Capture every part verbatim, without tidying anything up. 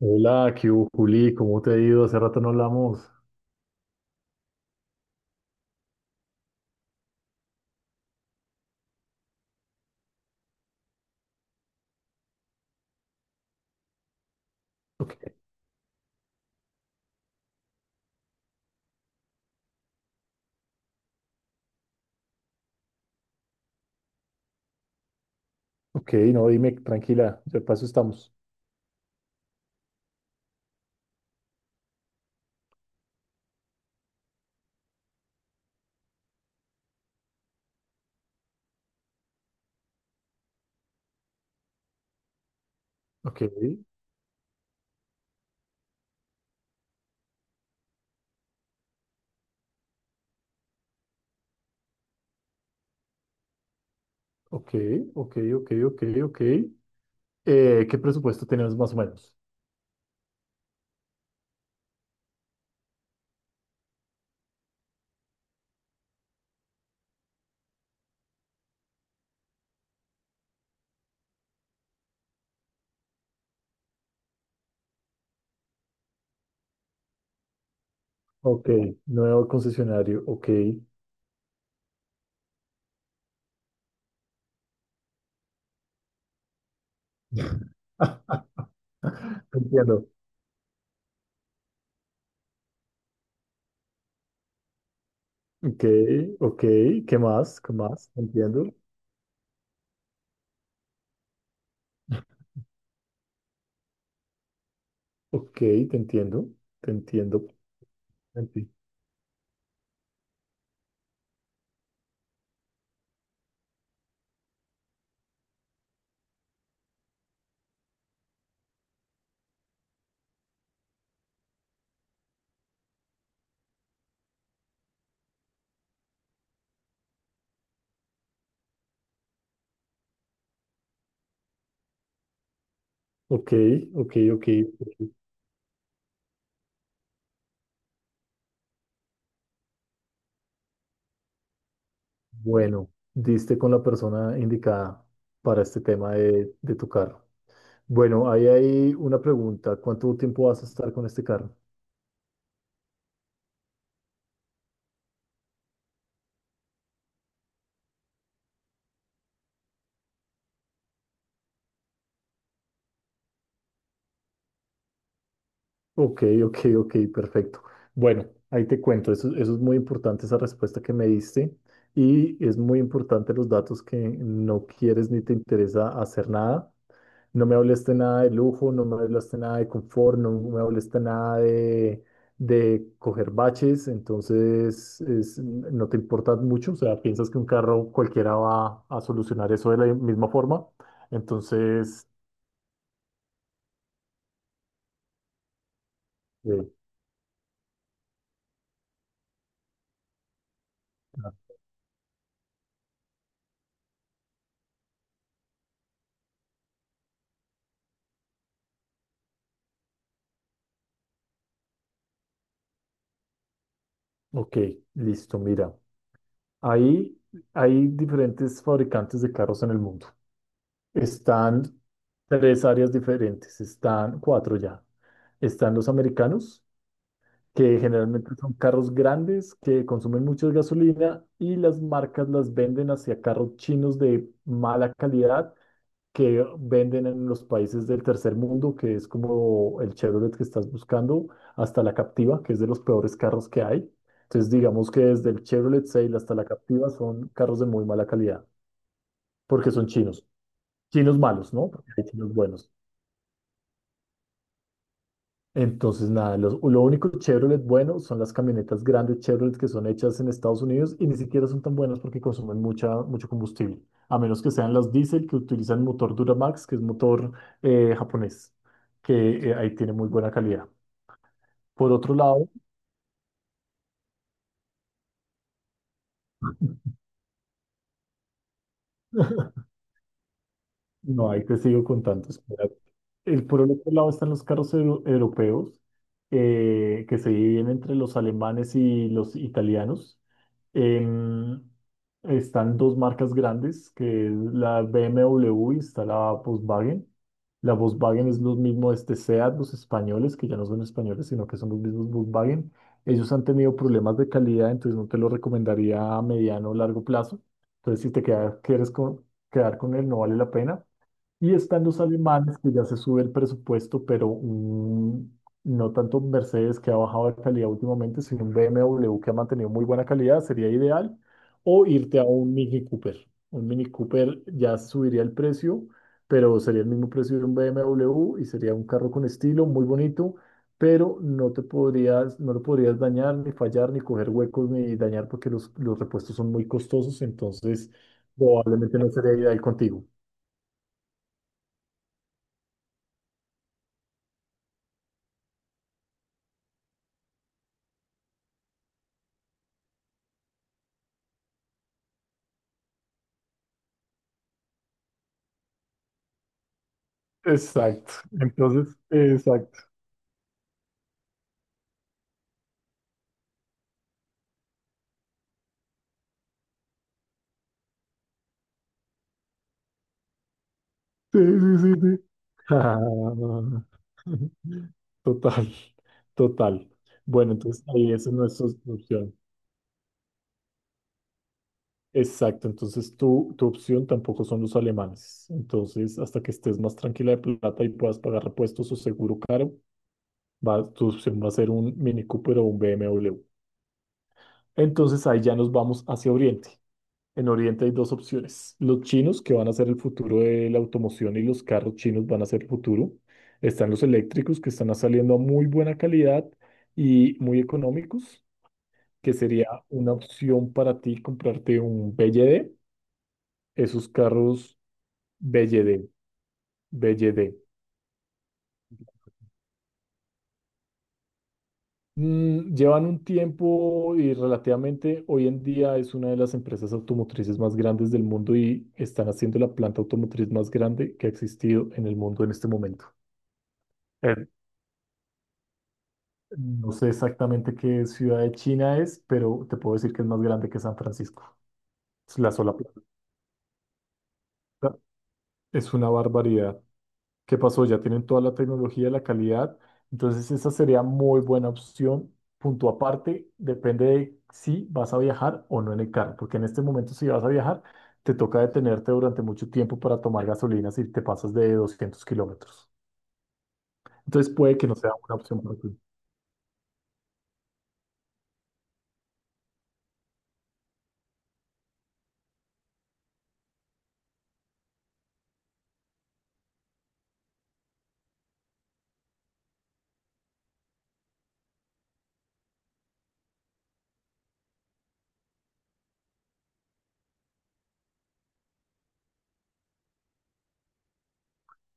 Hola, ¿qué hubo, Juli? ¿Cómo te ha ido? Hace rato no hablamos. Ok, ok, no, dime, tranquila, de paso estamos. Ok, ok, ok, ok, ok, ok. Eh, ¿qué presupuesto tenemos más o menos? Ok, nuevo concesionario, ok. Entiendo. Ok, ok, ¿qué más? ¿Qué más? Te entiendo. Ok, te entiendo, te entiendo. Enti- Ok, ok, ok. Bueno, diste con la persona indicada para este tema de, de tu carro. Bueno, ahí hay una pregunta. ¿Cuánto tiempo vas a estar con este carro? Ok, ok, ok, perfecto. Bueno, ahí te cuento. Eso, eso es muy importante, esa respuesta que me diste. Y es muy importante los datos que no quieres ni te interesa hacer nada. No me hablaste nada de lujo, no me hablaste nada de confort, no me hablaste nada de, de coger baches. Entonces, es- no te importa mucho. O sea, piensas que un carro cualquiera va a solucionar eso de la misma forma. Entonces... Sí. Ok, listo, mira. Ahí hay diferentes fabricantes de carros en el mundo. Están tres áreas diferentes, están cuatro ya. Están los americanos, que generalmente son carros grandes que consumen mucha gasolina y las marcas las venden hacia carros chinos de mala calidad que venden en los países del tercer mundo, que es como el Chevrolet que estás buscando, hasta la Captiva, que es de los peores carros que hay. Entonces, digamos que desde el Chevrolet Sail hasta la Captiva son carros de muy mala calidad, porque son chinos. Chinos malos, ¿no? Porque hay chinos buenos. Entonces, nada, los- lo único Chevrolet bueno son las camionetas grandes Chevrolet que son hechas en Estados Unidos y ni siquiera son tan buenas porque consumen mucha, mucho combustible, a menos que sean las diésel que utilizan motor Duramax, que es motor eh, japonés, que eh, ahí tiene muy buena calidad. Por otro lado, no, ahí te sigo contando. El, por el otro lado están los carros euro- europeos, eh, que se dividen entre los alemanes y los italianos. Em, están dos marcas grandes, que es la B M W y está la Volkswagen. La Volkswagen es lo mismo de este SEAT, los españoles, que ya no son españoles, sino que son los mismos Volkswagen. Ellos han tenido problemas de calidad, entonces no te lo recomendaría a mediano o largo plazo. Entonces, si te queda- quieres co- quedar con él, no vale la pena. Y están los alemanes, que ya se sube el presupuesto, pero un- no tanto un Mercedes que ha bajado de calidad últimamente, sino un B M W que ha mantenido muy buena calidad, sería ideal. O irte a un Mini Cooper. Un Mini Cooper ya subiría el precio, pero sería el mismo precio de un B M W y sería un carro con estilo, muy bonito, pero no te podrías, no lo podrías dañar, ni fallar, ni coger huecos, ni dañar porque los, los repuestos son muy costosos, entonces probablemente no sería ideal contigo. Exacto. Entonces, exacto. Sí, sí, sí, sí. Ah, total, total. Bueno, entonces ahí esa no es nuestra opción. Exacto, entonces tu, tu opción tampoco son los alemanes. Entonces, hasta que estés más tranquila de plata y puedas pagar repuestos o seguro caro, va, tu opción va a ser un Mini Cooper o un B M W. Entonces ahí ya nos vamos hacia Oriente. En Oriente hay dos opciones. Los chinos, que van a ser el futuro de la automoción y los carros chinos van a ser el futuro. Están los eléctricos, que están saliendo a muy buena calidad y muy económicos, que sería una opción para ti comprarte un B Y D. Esos carros B Y D, B Y D. Mm, llevan un tiempo y relativamente hoy en día es una de las empresas automotrices más grandes del mundo y están haciendo la planta automotriz más grande que ha existido en el mundo en este momento. El- no sé exactamente qué ciudad de China es, pero te puedo decir que es más grande que San Francisco. Es la sola planta es una barbaridad. ¿Qué pasó? Ya tienen toda la tecnología, la calidad. Entonces, esa sería muy buena opción. Punto aparte, depende de si vas a viajar o no en el carro, porque en este momento, si vas a viajar, te toca detenerte durante mucho tiempo para tomar gasolina si te pasas de doscientos kilómetros. Entonces, puede que no sea una opción para ti.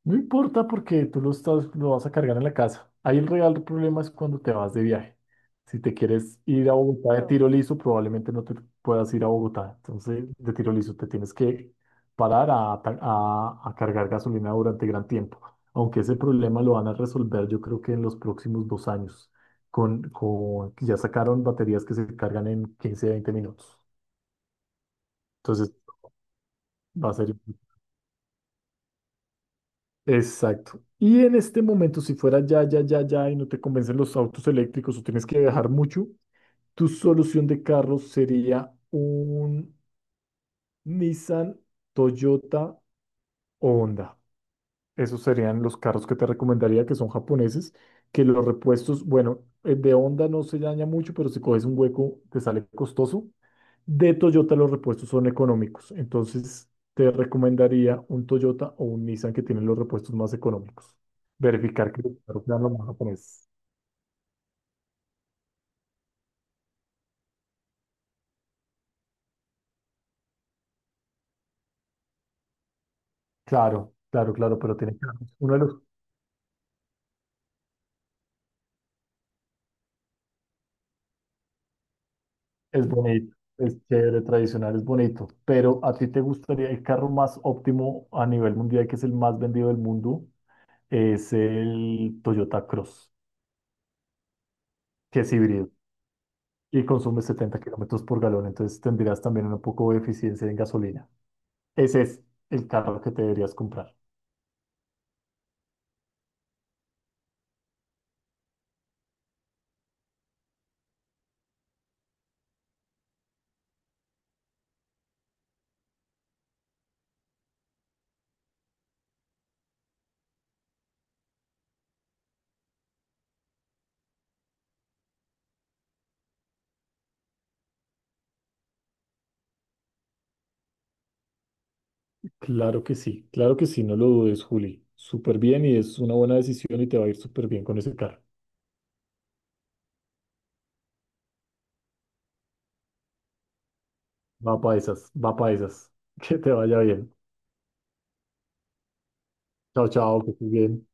No importa porque tú lo estás, lo vas a cargar en la casa. Ahí el real problema es cuando te vas de viaje. Si te quieres ir a Bogotá de tiro liso, probablemente no te puedas ir a Bogotá. Entonces, de tiro liso, te tienes que parar a, ta- a- a cargar gasolina durante gran tiempo. Aunque ese problema lo van a resolver, yo creo que en los próximos dos años, con, con ya sacaron baterías que se cargan en quince, veinte minutos. Entonces, va a ser. Exacto. Y en este momento, si fuera ya, ya, ya, ya y no te convencen los autos eléctricos o tienes que viajar mucho, tu solución de carro sería un Nissan, Toyota o Honda. Esos serían los carros que te recomendaría, que son japoneses, que los repuestos, bueno, el de Honda no se daña mucho, pero si coges un hueco te sale costoso. De Toyota los repuestos son económicos, entonces te recomendaría un Toyota o un Nissan que tienen los repuestos más económicos. Verificar que claro, claro, lo japonés. Claro, claro, claro, pero tiene que haber- uno de los es bonito, es chévere, tradicional, es bonito, pero a ti te gustaría el carro más óptimo a nivel mundial, que es el más vendido del mundo, es el Toyota Cross, que es híbrido y consume setenta kilómetros por galón, entonces tendrías también un poco de eficiencia en gasolina. Ese es el carro que te deberías comprar. Claro que sí, claro que sí, no lo dudes, Juli. Súper bien y es una buena decisión y te va a ir súper bien con ese carro. Va para esas, va para esas. Que te vaya bien. Chao, chao, que estés bien.